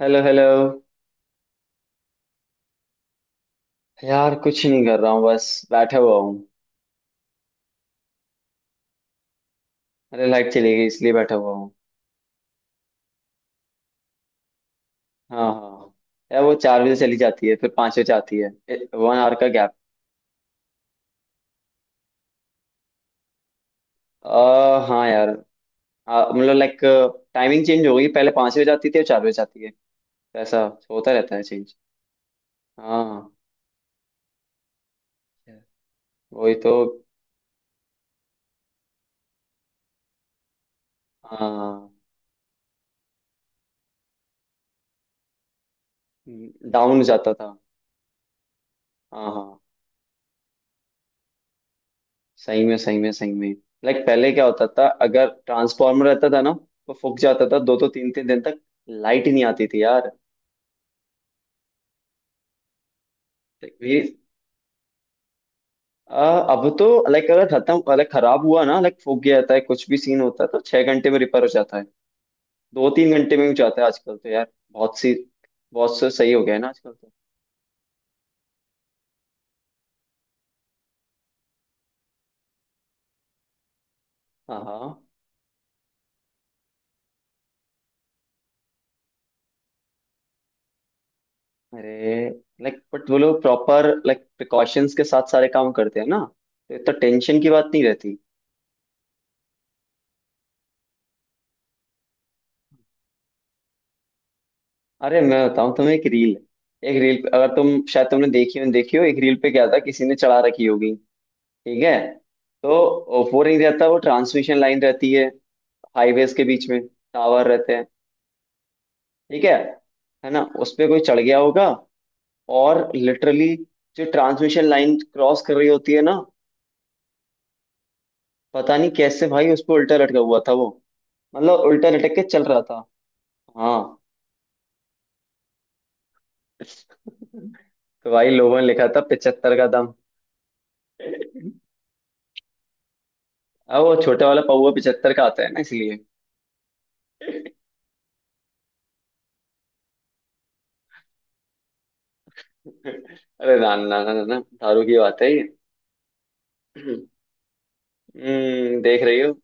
Hello hello. यार कुछ नहीं कर रहा हूँ, बस बैठा हुआ हूँ। अरे लाइट चली गई इसलिए बैठा हुआ हूँ। हाँ हाँ हाँ। यार वो 4 बजे चली जाती है, फिर 5 बजे आती है। 1 आवर का गैप। हाँ यार। मतलब लाइक टाइमिंग चेंज हो गई, पहले 5 बजे जाती थी और 4 बजे जाती है। तो ऐसा होता रहता है चेंज। हाँ वही तो। हाँ डाउन जाता था। हाँ हाँ। सही में सही में सही में। लाइक पहले क्या होता था, अगर ट्रांसफार्मर रहता था ना तो फूक जाता था दो दो तीन तीन दिन तक। लाइट ही नहीं आती थी यार। Like, ये आ, अब तो लाइक, अगर खत्म लाइक खराब हुआ ना, लाइक फूक गया जाता है, कुछ भी सीन होता है, तो 6 घंटे में रिपेयर हो जाता है। 2 3 घंटे में हो जाता है आजकल तो यार। बहुत से सही हो गया है ना आजकल तो। हाँ हाँ। अरे लाइक बट वो लोग प्रॉपर लाइक प्रिकॉशंस के साथ सारे काम करते हैं ना, तो इतना टेंशन की बात नहीं रहती। अरे मैं बताऊं तुम्हें एक रील। एक रील अगर तुम शायद तुमने देखी हो, देखी हो एक रील पे क्या था, किसी ने चढ़ा रखी होगी। ठीक है। तो वो नहीं रहता, वो ट्रांसमिशन लाइन रहती है हाईवेज के बीच में। टावर रहते हैं। ठीक है। है ना। उस पे कोई चढ़ गया होगा। और लिटरली जो ट्रांसमिशन लाइन क्रॉस कर रही होती है ना, पता नहीं कैसे भाई उस पर उल्टा लटका हुआ था वो। मतलब उल्टा लटक के चल रहा था। हाँ। तो भाई लोगों ने लिखा था, 75 का दम। अब वो छोटा वाला पौवा 75 का आता है ना, इसलिए। अरे ना ना ना ना ना, दारू की बात है ये। हम्म। देख रही हो।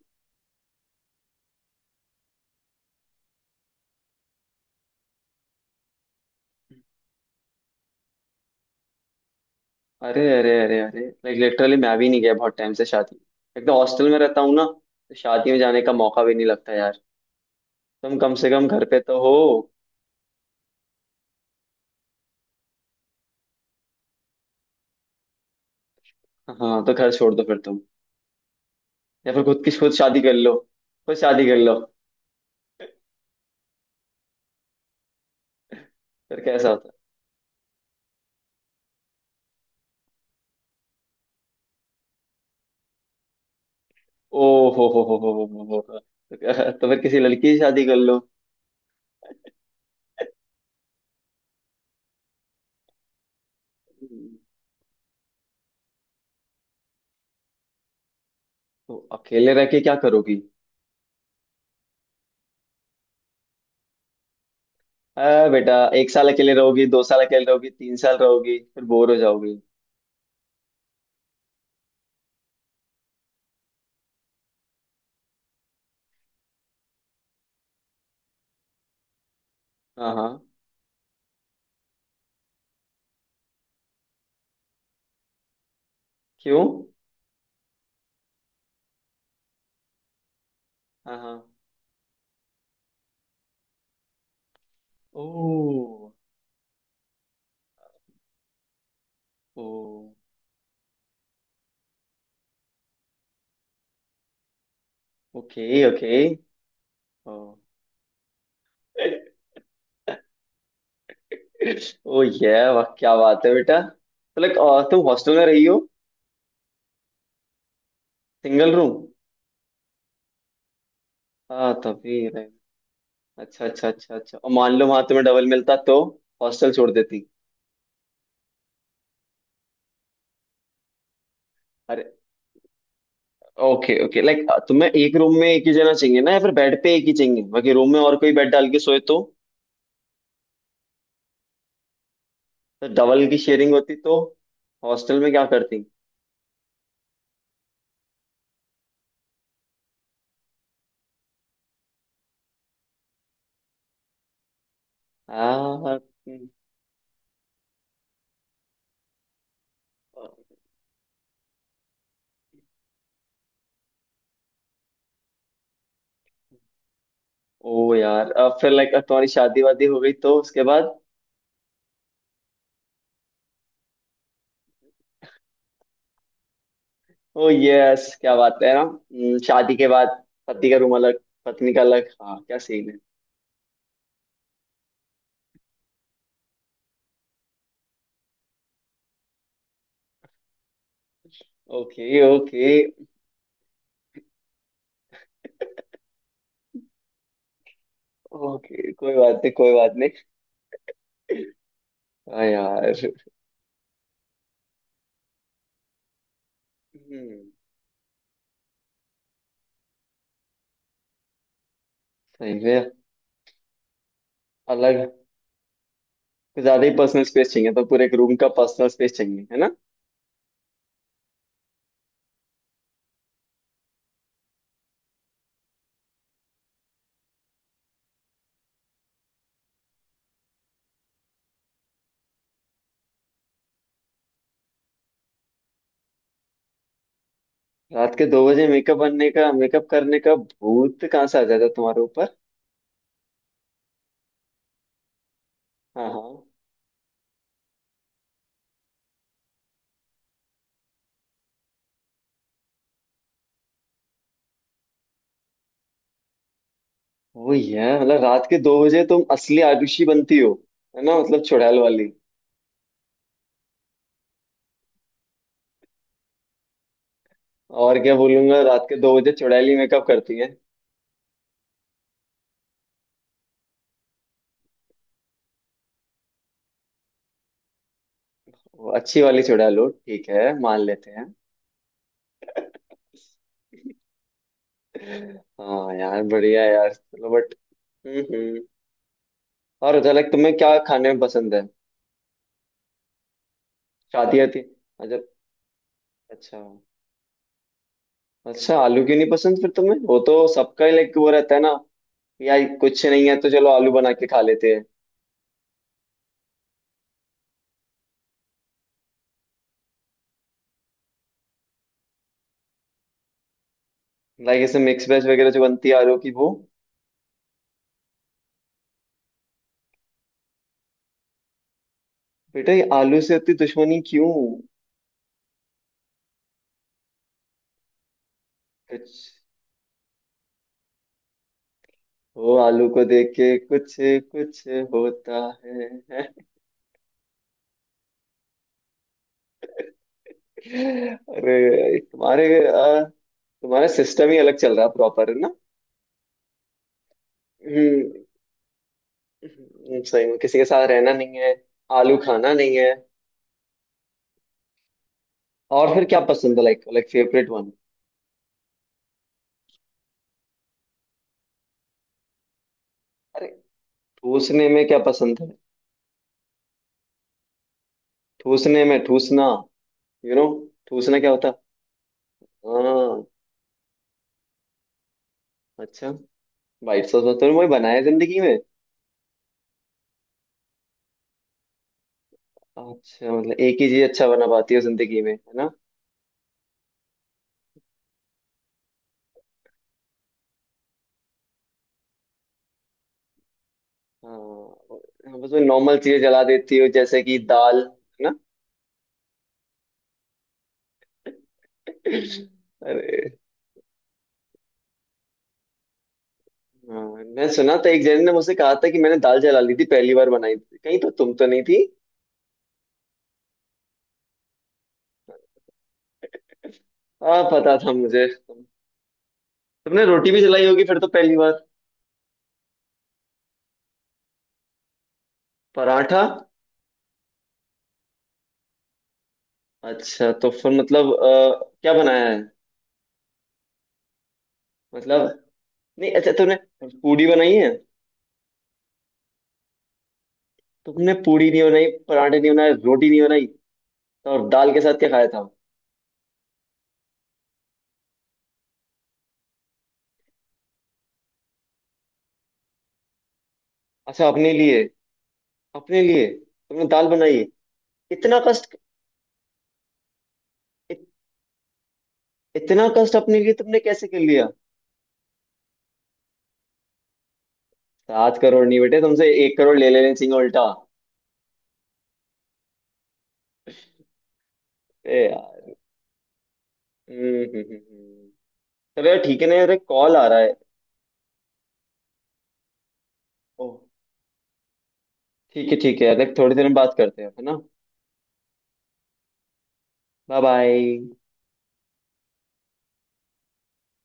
अरे अरे अरे अरे, लाइक लिटरली मैं भी नहीं गया बहुत टाइम से शादी। एक तो हॉस्टल में रहता हूँ ना, तो शादी में जाने का मौका भी नहीं लगता यार। तुम कम से कम घर पे तो हो। हाँ तो घर छोड़ दो फिर तुम। या फिर खुद की खुद शादी कर लो। खुद शादी कर लो। फिर कैसा होता है? ओ हो हो। तो फिर किसी लड़की से शादी कर लो। तो अकेले रह के क्या करोगी। आ बेटा, एक साल अकेले रहोगी, 2 साल अकेले रहोगी, 3 साल रहोगी, फिर बोर हो जाओगी। हाँ हाँ। क्यों। हाँ हाँ। ओ। ओ। Okay okay. ओ। ओ ये वाह क्या बात है बेटा। तो लाइक तुम हॉस्टल में रही हो। Single room. हाँ तभी रह। अच्छा अच्छा अच्छा अच्छा, और मान लो वहां तुम्हें डबल मिलता तो हॉस्टल छोड़ देती। अरे ओके ओके, लाइक तुम्हें एक रूम में एक ही जना चाहिए ना, या फिर बेड पे एक ही चाहिए, बाकी रूम में और कोई बेड डाल के सोए तो डबल की शेयरिंग होती तो हॉस्टल में क्या करती। हाँ। ओ यार अब फिर लाइक तुम्हारी शादी वादी हो गई, तो उसके बाद। ओ यस क्या बात है ना। शादी के बाद पति का रूम अलग, पत्नी का अलग, हाँ क्या सीन है। ओके ओके ओके, कोई बात नहीं, कोई बात नहीं। हाँ यार। हम्म, सही है। अलग, कुछ ज्यादा ही पर्सनल स्पेस चाहिए, तो पूरे एक रूम का पर्सनल स्पेस चाहिए है ना। रात के 2 बजे मेकअप बनने का, मेकअप करने का भूत कहाँ से आ जाता है तुम्हारे ऊपर। हाँ हाँ। वो ये है, मतलब रात के 2 बजे तुम असली आरुषि बनती हो। है ना, मतलब चुड़ैल वाली। और क्या बोलूंगा, रात के 2 बजे चुड़ैली मेकअप करती है। वो अच्छी वाली चुड़ैल हो, ठीक है मान लेते हैं। हाँ यार, बढ़िया यार, चलो बट। हम्म। और अच्छा लाइक तुम्हें क्या खाने में पसंद है। शादी आती। अच्छा। अच्छा अच्छा आलू क्यों नहीं पसंद फिर तुम्हें, वो तो सबका ही लाइक वो रहता है ना। यार कुछ नहीं है तो चलो आलू बना के खा लेते हैं। लाइक ऐसे मिक्स वेज वगैरह जो बनती है आलू की, वो। बेटा ये आलू से इतनी दुश्मनी क्यों। कुछ वो आलू को देख के कुछ कुछ होता है। अरे तुम्हारा सिस्टम ही अलग चल रहा है, प्रॉपर है ना। हम्म। सही में किसी के साथ रहना नहीं है, आलू खाना नहीं है। और फिर क्या पसंद है, लाइक लाइक फेवरेट वन। ठूसने में क्या पसंद है। ठूसने में ठूसना यू नो। ठूसना क्या होता। हाँ। अच्छा। वाइट सॉस तो वही बनाया है जिंदगी में। अच्छा मतलब एक ही चीज अच्छा बना पाती हो जिंदगी में, है ना। हाँ हाँ, बस वही नॉर्मल चीजें जला देती हो, जैसे कि दाल। है ना। अरे। हाँ। मैं सुना था, एक जन ने मुझसे कहा था कि मैंने दाल जला ली थी पहली बार बनाई थी कहीं, तो तुम तो नहीं थी। हाँ पता था मुझे। तुमने रोटी भी जलाई होगी फिर तो पहली बार। पराठा। अच्छा तो फिर मतलब क्या बनाया है। मतलब, नहीं अच्छा तुमने पूड़ी बनाई है। तुमने पूड़ी नहीं बनाई, पराठे नहीं बनाए, रोटी नहीं बनाई, तो और दाल के साथ क्या खाया था। अच्छा अपने लिए। अपने लिए तुमने दाल बनाई। इतना कष्ट। इत, इतना कष्ट अपने लिए तुमने कैसे कर लिया। 7 करोड़ नहीं बेटे, तुमसे 1 करोड़ ले लेने चाहिए उल्टा। ए यार। हम्म हम्म, हम्म, हम्म। चलो यार, ठीक है ना यार, एक कॉल आ रहा है। ओह। ठीक है यार, एक थोड़ी देर में बात करते हैं, है ना। Bye bye.